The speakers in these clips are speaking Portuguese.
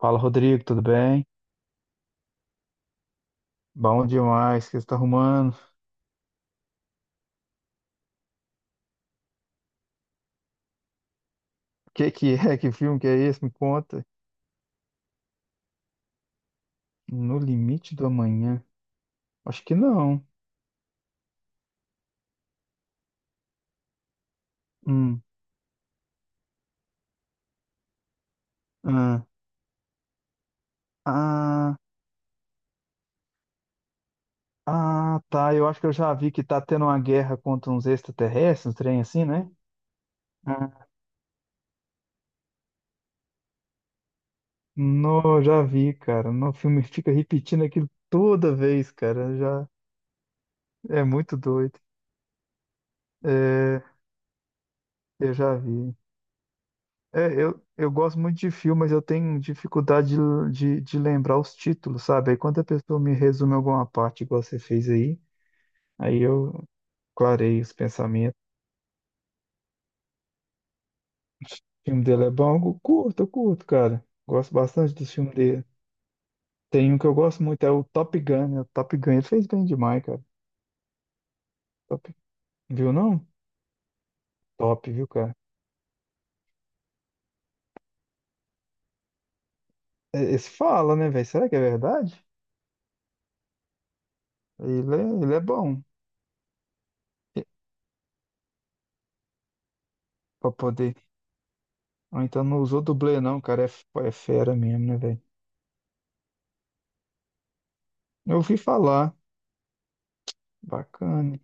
Fala, Rodrigo, tudo bem? Bom demais, o que você tá arrumando? O que que é? Que filme que é esse? Me conta. No Limite do Amanhã? Acho que não. Hum. Ah, ah, ah, tá. Eu acho que eu já vi que tá tendo uma guerra contra uns extraterrestres, um trem assim, né? Ah. Não, já vi, cara. No filme fica repetindo aquilo toda vez, cara. Já é muito doido. É, eu já vi. É, eu gosto muito de filme, mas eu tenho dificuldade de lembrar os títulos, sabe? Aí quando a pessoa me resume alguma parte, igual você fez aí, aí eu clareio os pensamentos. O filme dele é bom, eu curto, cara. Gosto bastante dos filmes dele. Tem um que eu gosto muito, é o Top Gun, né? O Top Gun, ele fez bem demais, cara. Top, Viu não? Viu, cara? É, esse fala, né, velho? Será que é verdade? Ele é bom. E- Pra poder. Ou então não usou dublê, não, cara. É, é fera mesmo, né, velho? Eu ouvi falar. Bacana.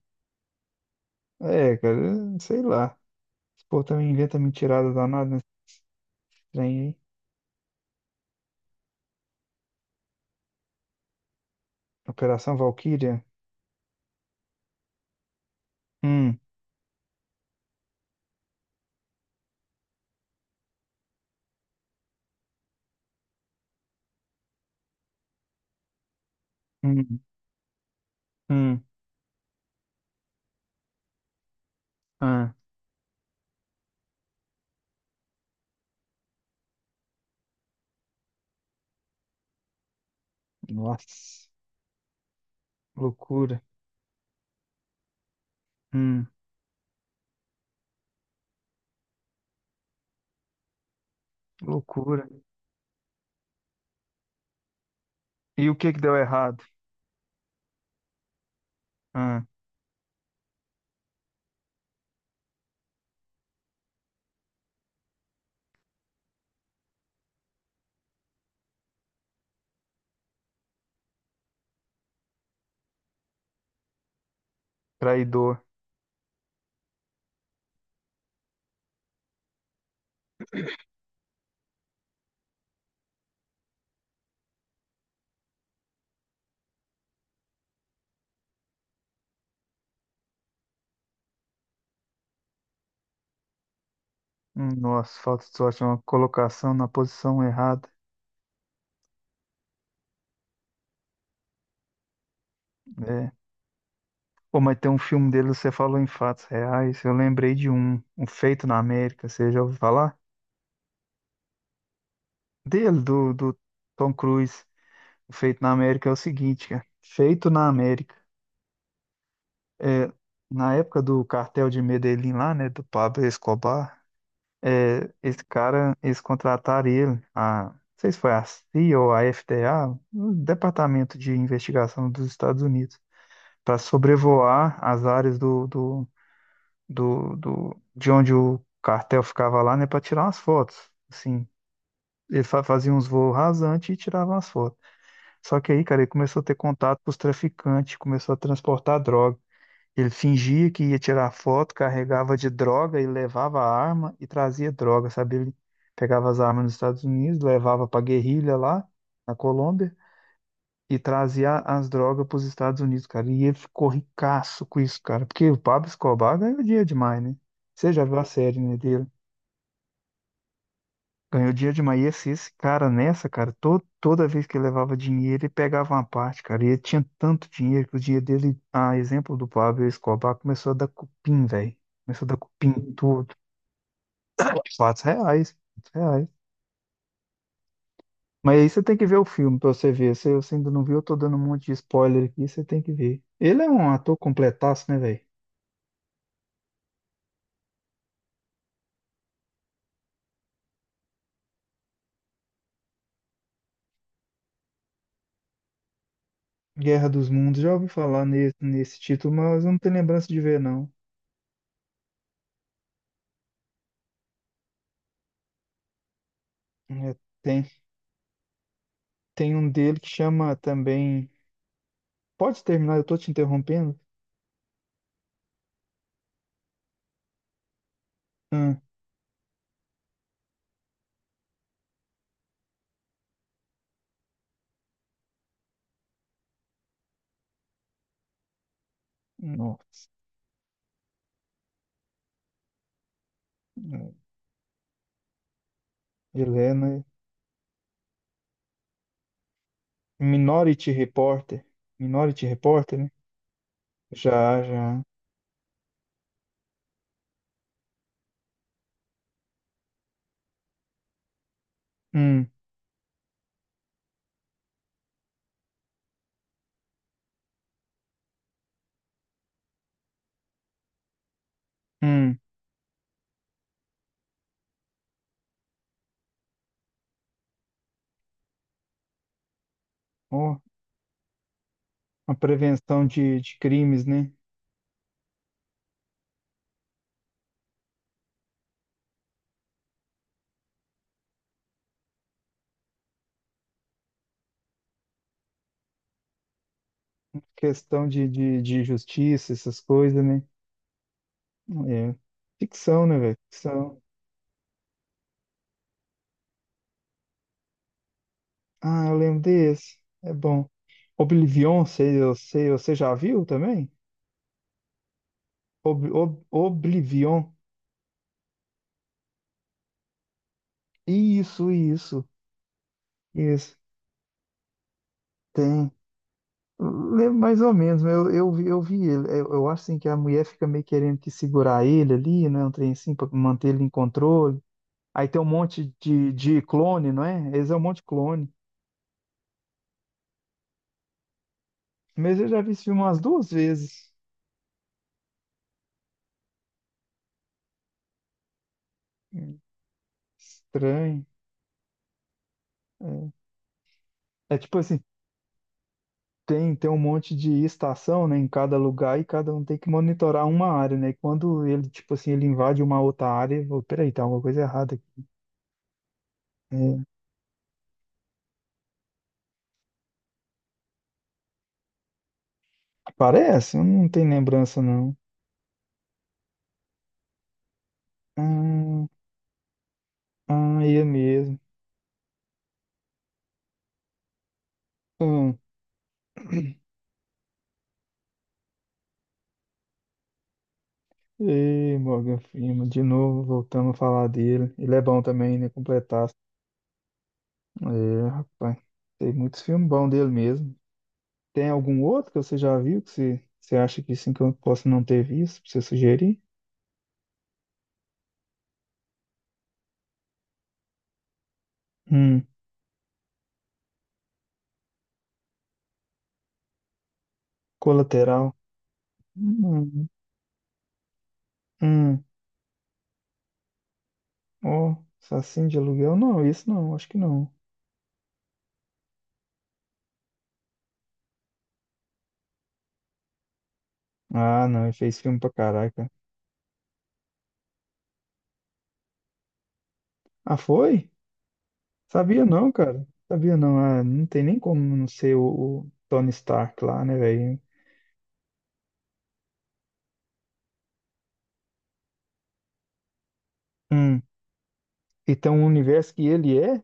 É, cara, sei lá. Esse povo também inventa mentirada danada nesse trem aí. Operação Valquíria. Hum, hum, hum. Ah, nossa. Loucura. Hum, loucura. E o que que deu errado? Ah, traidor. Nossa, falta de sorte. Uma colocação na posição errada. É. Pô, mas tem um filme dele, você falou em fatos reais. Eu lembrei de um. Um Feito na América. Você já ouviu falar? Dele, do Tom Cruise. O feito na América é o seguinte, cara. Feito na América. É, na época do cartel de Medellín lá, né, do Pablo Escobar, é, esse cara, eles contrataram ele, não sei se foi a CIA ou a FDA, o Departamento de Investigação dos Estados Unidos, para sobrevoar as áreas do, do, de onde o cartel ficava lá, né, para tirar umas fotos. Assim, ele faziam uns voos rasantes e tirava as fotos. Só que aí, cara, ele começou a ter contato com os traficantes, começou a transportar droga. Ele fingia que ia tirar foto, carregava de droga e levava a arma e trazia droga, sabe? Ele pegava as armas nos Estados Unidos, levava pra guerrilha lá na Colômbia e trazia as drogas pros Estados Unidos, cara. E ele ficou ricaço com isso, cara, porque o Pablo Escobar ganhou dinheiro demais, né? Você já viu a série, né, dele? Ganhou dinheiro demais. E esse cara nessa, cara, toda vez que ele levava dinheiro, ele pegava uma parte, cara. E ele tinha tanto dinheiro que o dinheiro dele, a exemplo do Pablo Escobar, começou a dar cupim, velho. Começou a dar cupim em tudo. R$ 4, R$ 4. Mas aí você tem que ver o filme pra você ver. Se você ainda não viu, eu tô dando um monte de spoiler aqui, você tem que ver. Ele é um ator completaço, né, velho? Guerra dos Mundos, já ouvi falar nesse, título, mas eu não tenho lembrança de ver, não. É, tem, um dele que chama também. Pode terminar, eu tô te interrompendo. Ah, nossa. Ah, Helena, Minority Reporter. Minority Reporter, né? Já, já. Hum, hum. Ó, a prevenção de crimes, né? Questão de justiça, essas coisas, né? É. Ficção, né, velho? Ficção. Ah, eu lembro desse. É bom. Oblivion, sei, eu sei, você já viu também? Oblivion. Isso, isso. Isso. Tem. Lembro mais ou menos, mas eu vi ele. Eu acho assim que a mulher fica meio querendo que segurar ele ali, né? Um trem assim, pra manter ele em controle. Aí tem um monte de clone, não é? Eles é um monte de clone. Mas eu já vi esse filme umas duas vezes. Hum, Estranho. É, é tipo assim, tem, um monte de estação, né, em cada lugar e cada um tem que monitorar uma área, né? E quando ele, tipo assim, ele invade uma outra área, eu, vou, peraí, tá alguma coisa errada aqui. É, parece, eu não tenho lembrança, não. Hum, ah, é mesmo. Ah, e Morgan Freeman, de novo, voltamos a falar dele. Ele é bom também, né? Completar. É, rapaz. Tem muitos filmes bons dele mesmo. Tem algum outro que você já viu que você acha que sim que eu posso não ter visto? Pra você sugerir? Hum, Colateral. Hum, hum, ó, Assassino de Aluguel? Não, isso não, acho que não. Ah, não, ele fez filme pra caraca. Ah, foi? Sabia não, cara. Sabia não. Ah, não tem nem como não ser o Tony Stark lá, né, velho? Hum. E tem um universo que ele é?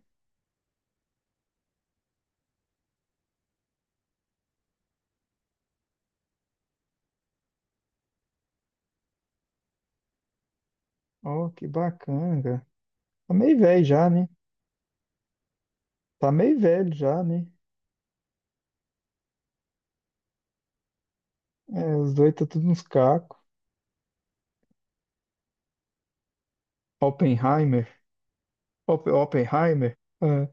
Ó, que bacana, cara. Tá meio velho já, né? Tá meio velho já, né? É, os dois tá tudo uns cacos. Oppenheimer. Op Oppenheimer. É.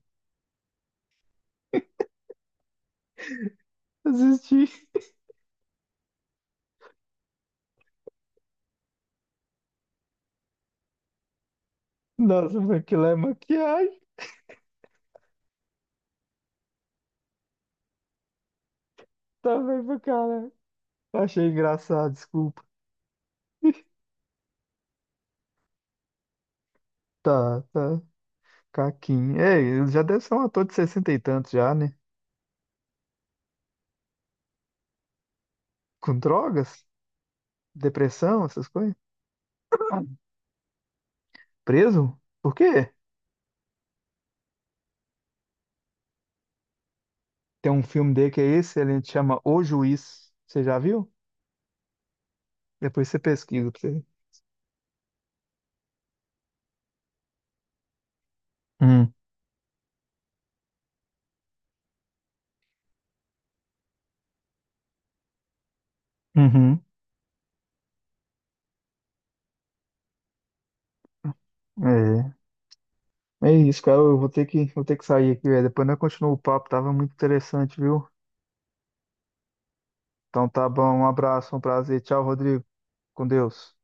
Assisti. Nossa, mas aquilo é maquiagem. Tá velho pra caralho. Achei engraçado, desculpa. Tá, tá. Caquinho. Ei, ele já deve ser um ator de 60 e tantos já, né? Com drogas? Depressão, essas coisas? Ah. Preso? Por quê? Tem um filme dele que é esse, ele chama O Juiz. Você já viu? Depois você pesquisa pra você ver. Hum. Uhum. É. É isso, cara. Eu vou ter que sair aqui, velho. Depois nós continuamos o papo. Tava muito interessante, viu? Então tá bom. Um abraço, um prazer. Tchau, Rodrigo. Com Deus.